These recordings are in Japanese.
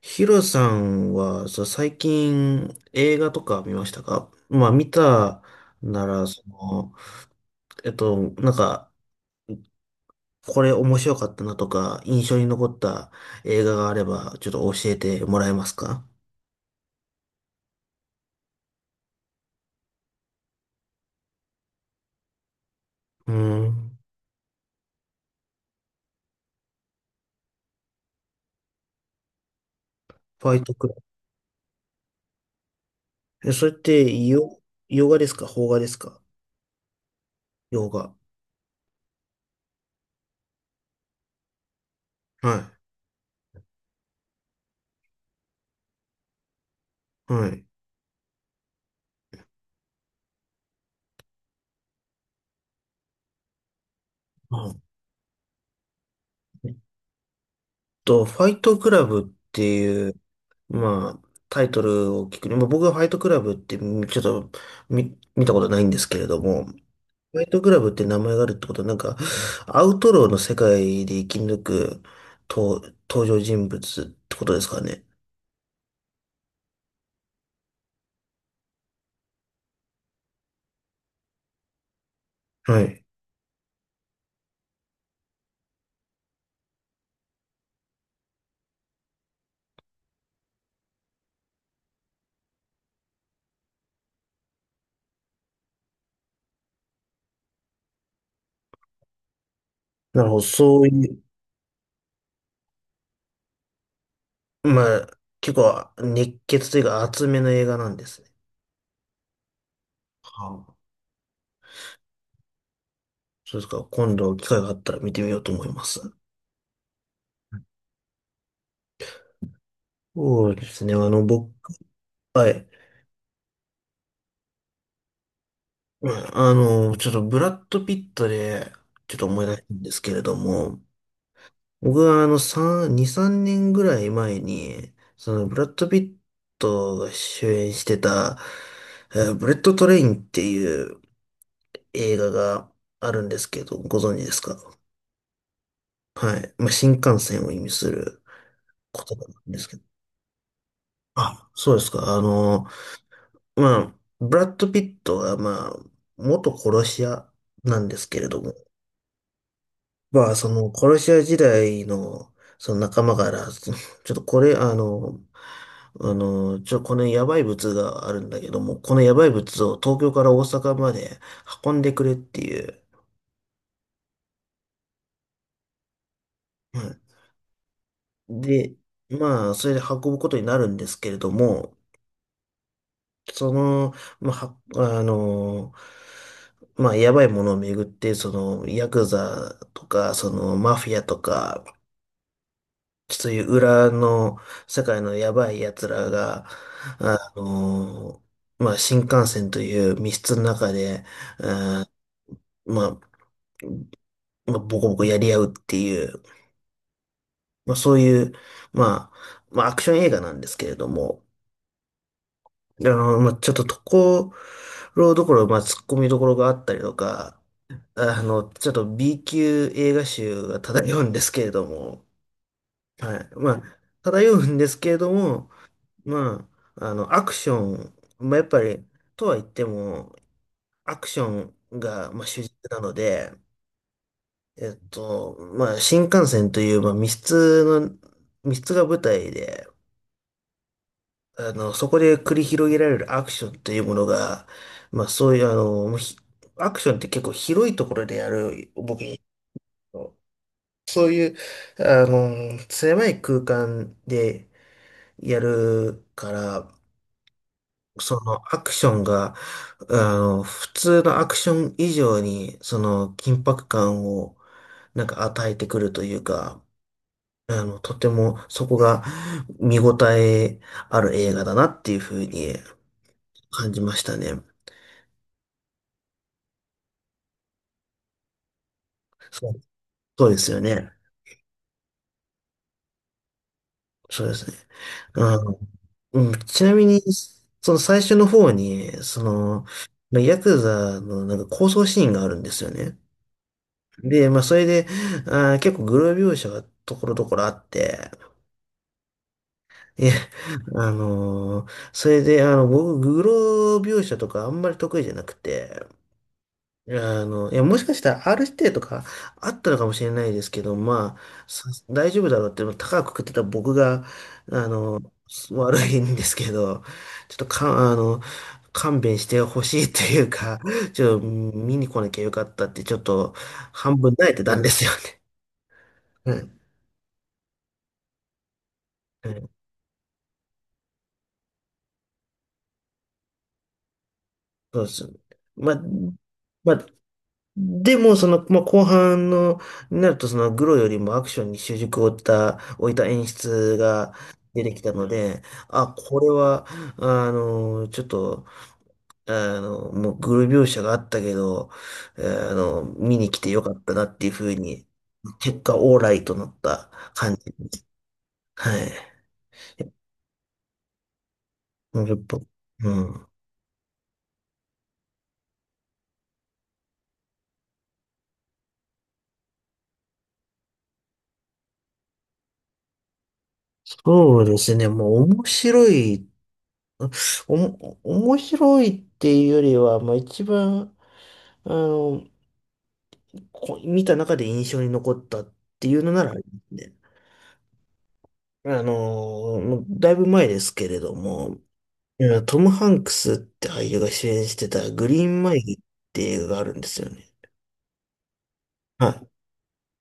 ヒロさんは、最近映画とか見ましたか？まあ見たなら、えっと、なんか、これ面白かったなとか、印象に残った映画があれば、ちょっと教えてもらえますか？うーん。ファイトクラブ。え、それって、洋画ですか邦画ですか？洋画。はい。はい。あえっファイトクラブっていう、まあ、タイトルを聞くに、まあ、僕はファイトクラブってみちょっと見、見たことないんですけれども、ファイトクラブって名前があるってことは、なんか、アウトローの世界で生き抜くと登場人物ってことですかね？はい。なるほど、そういう、まあ、結構熱血というか厚めの映画なんですね。はあ、そうですか。今度機会があったら見てみようと思います。そうですね。あの、僕、はい。うんあの、ちょっとブラッド・ピットで、ちょっと思い出したんですけれども、僕はあの、3年ぐらい前に、その、ブラッド・ピットが主演してた、ブレッド・トレインっていう映画があるんですけど、ご存知ですか？はい。まあ、新幹線を意味する言葉なんですけど。あ、そうですか。あの、まあ、ブラッド・ピットが、まあ、元殺し屋なんですけれども、まあ、その、殺し屋時代の、その仲間から、その、ちょっとこれ、あの、あの、ちょ、このやばい物があるんだけども、このやばい物を東京から大阪まで運んでくれっていう。うん。で、まあ、それで運ぶことになるんですけれども、その、まあ、はあの、まあ、やばいものをめぐって、その、ヤクザとか、その、マフィアとか、そういう裏の世界のやばい奴らが、あのまあ、新幹線という密室の中で、えーまあ、ボコボコやり合うっていう、まあ、そういう、まあ、アクション映画なんですけれども、まあ、ちょっとところどころ、まあ、突っ込みどころがあったりとか、あの、ちょっと B 級映画集が漂うんですけれども、はい。まあ、漂うんですけれども、まあ、あの、アクション、まあ、やっぱり、とは言っても、アクションが、まあ、主軸なので、まあ、新幹線という、まあ、密室が舞台で、あの、そこで繰り広げられるアクションというものが、まあ、そういう、あの、もうひアクションって結構広いところでやる、僕、そういう、あの、狭い空間でやるから、そのアクションが、あの、普通のアクション以上に、その緊迫感をなんか与えてくるというか、あの、とてもそこが見応えある映画だなっていうふうに感じましたね。そう、そうですよね。そうですね。あの、うん、ちなみに、その最初の方に、その、ヤクザのなんか抗争シーンがあるんですよね。で、まあ、それで、あー、結構グロ描写がところどころあって、いや、あのーそれで、あの、僕、グロ描写とかあんまり得意じゃなくて、あの、いや、もしかしたら R 指定とかあったのかもしれないですけど、まあ、さ大丈夫だろうって、高く食ってた僕が、あの、悪いんですけど、ちょっとか、あの、勘弁してほしいというか、ちょっと見に来なきゃよかったって、ちょっと半分泣いてたんですよね。うん。そうですよね。まあ、まあ、でも、その、まあ、後半の、になると、その、グロよりもアクションに習熟を置いた、演出が出てきたので、あ、これは、あの、ちょっと、あの、もう、グロ描写があったけど、あの、見に来てよかったなっていうふうに、結果、オーライとなった感じ。はい。やっぱ、うん。そうですね。もう、面白い。面白いっていうよりは、まあ一番、あの、見た中で印象に残ったっていうのならありますね、あの、もうだいぶ前ですけれども、いやトム・ハンクスって俳優が主演してたグリーンマイルって映画があるんですよね。は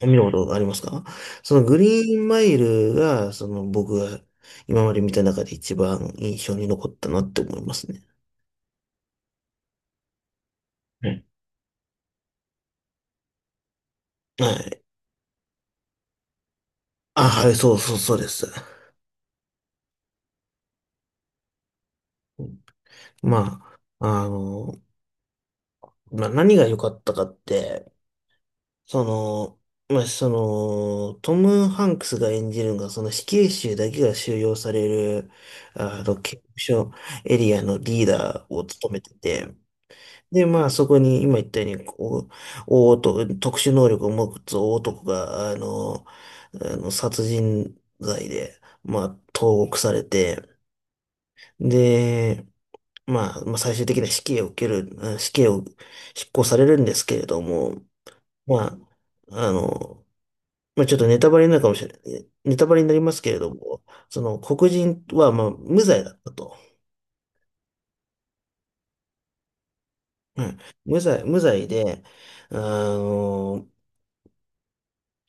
い。見たことありますか？そのグリーンマイルが、その僕が今まで見た中で一番印象に残ったなって思いますね。はい。はい。あ、はい、そうです。まあ、あの、まあ、何が良かったかって、その、まあ、その、トム・ハンクスが演じるのが、その死刑囚だけが収容される、あの、刑務所エリアのリーダーを務めてて、で、まあ、そこに、今言ったように、こう、特殊能力を持つ大男が、あの殺人罪で、まあ、投獄されて、で、まあ、まあ、最終的な死刑を受ける、死刑を執行されるんですけれども、まあ、あの、まあ、ちょっとネタバレになるかもしれない、ネタバレになりますけれども、その黒人は、まあ、無罪だったと。うん、無罪で、あの、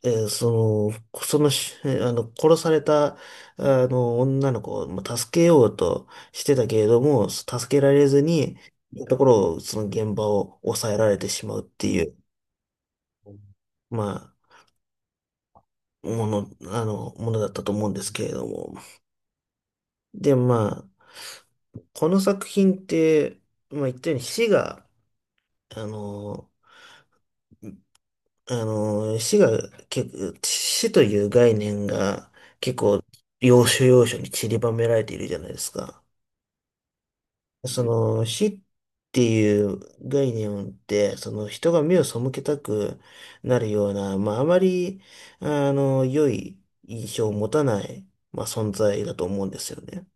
殺された、あの、女の子をまあ助けようとしてたけれども、助けられずに、ところを、その現場を抑えられてしまうっていう、まあ、ものだったと思うんですけれども。で、まあ、この作品って、まあ言ったように死が、あの、あの、死が、結構死という概念が結構要所要所に散りばめられているじゃないですか。その死っていう概念って、その人が目を背けたくなるような、まああまり、あの、良い印象を持たない、まあ存在だと思うんですよね。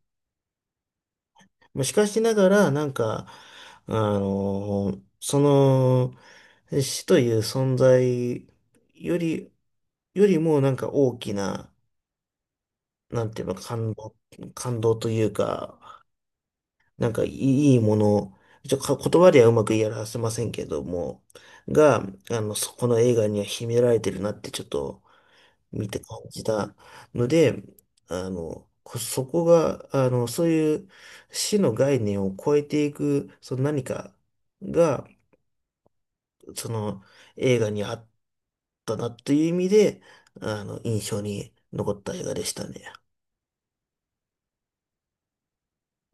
まあしかしながら、なんか、あその、死という存在より、よりもなんか大きな、なんていうの、感動というか、なんかいいもの、ちょ、か言葉ではうまく言い表せませんけども、が、あの、そこの映画には秘められてるなってちょっと見て感じたので、あの、そこが、あの、そういう死の概念を超えていく、その何かが、その映画にあったなという意味で、あの、印象に残った映画でしたね。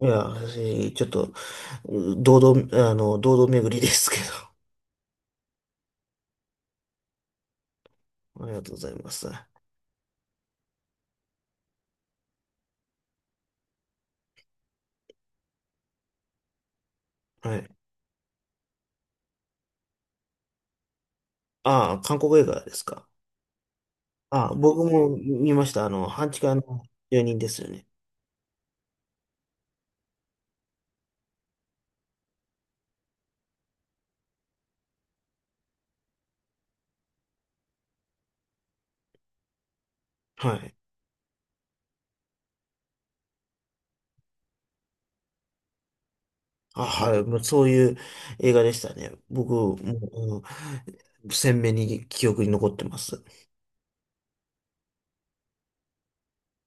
いや、私、ちょっと、堂々、あの、堂々巡りですけど、ありがとうございます。はい。ああ、韓国映画ですか。ああ、僕も見ました。あの、半地下の住人ですよね。はい。あ、はい。もうそういう映画でしたね。僕、もう、うん、鮮明に記憶に残ってます。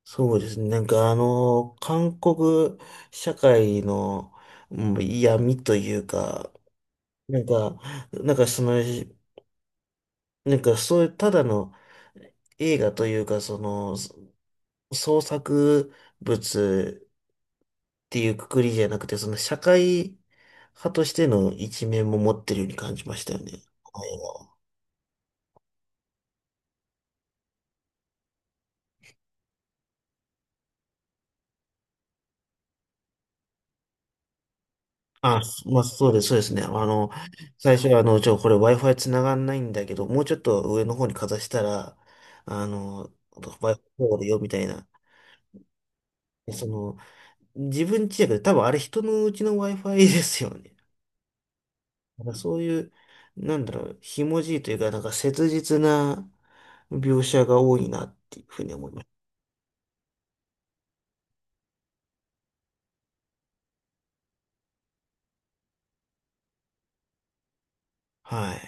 そうですね。なんかあの、韓国社会のうん闇というか、なんか、なんかその、なんかそういうただの映画というか、その、創作物っていうくくりじゃなくて、その社会派としての一面も持ってるように感じましたよね。まあ、そうですね。あの、最初は、あの、ちょ、これ Wi-Fi 繋がんないんだけど、もうちょっと上の方にかざしたら、あの、Wi-Fi 通るよ、みたいな。でその、自分ちやけど、多分あれ人のうちの Wi-Fi ですよね。だからそういう、なんだろう、ひもじいというか、なんか切実な描写が多いなっていうふうに思います。はい。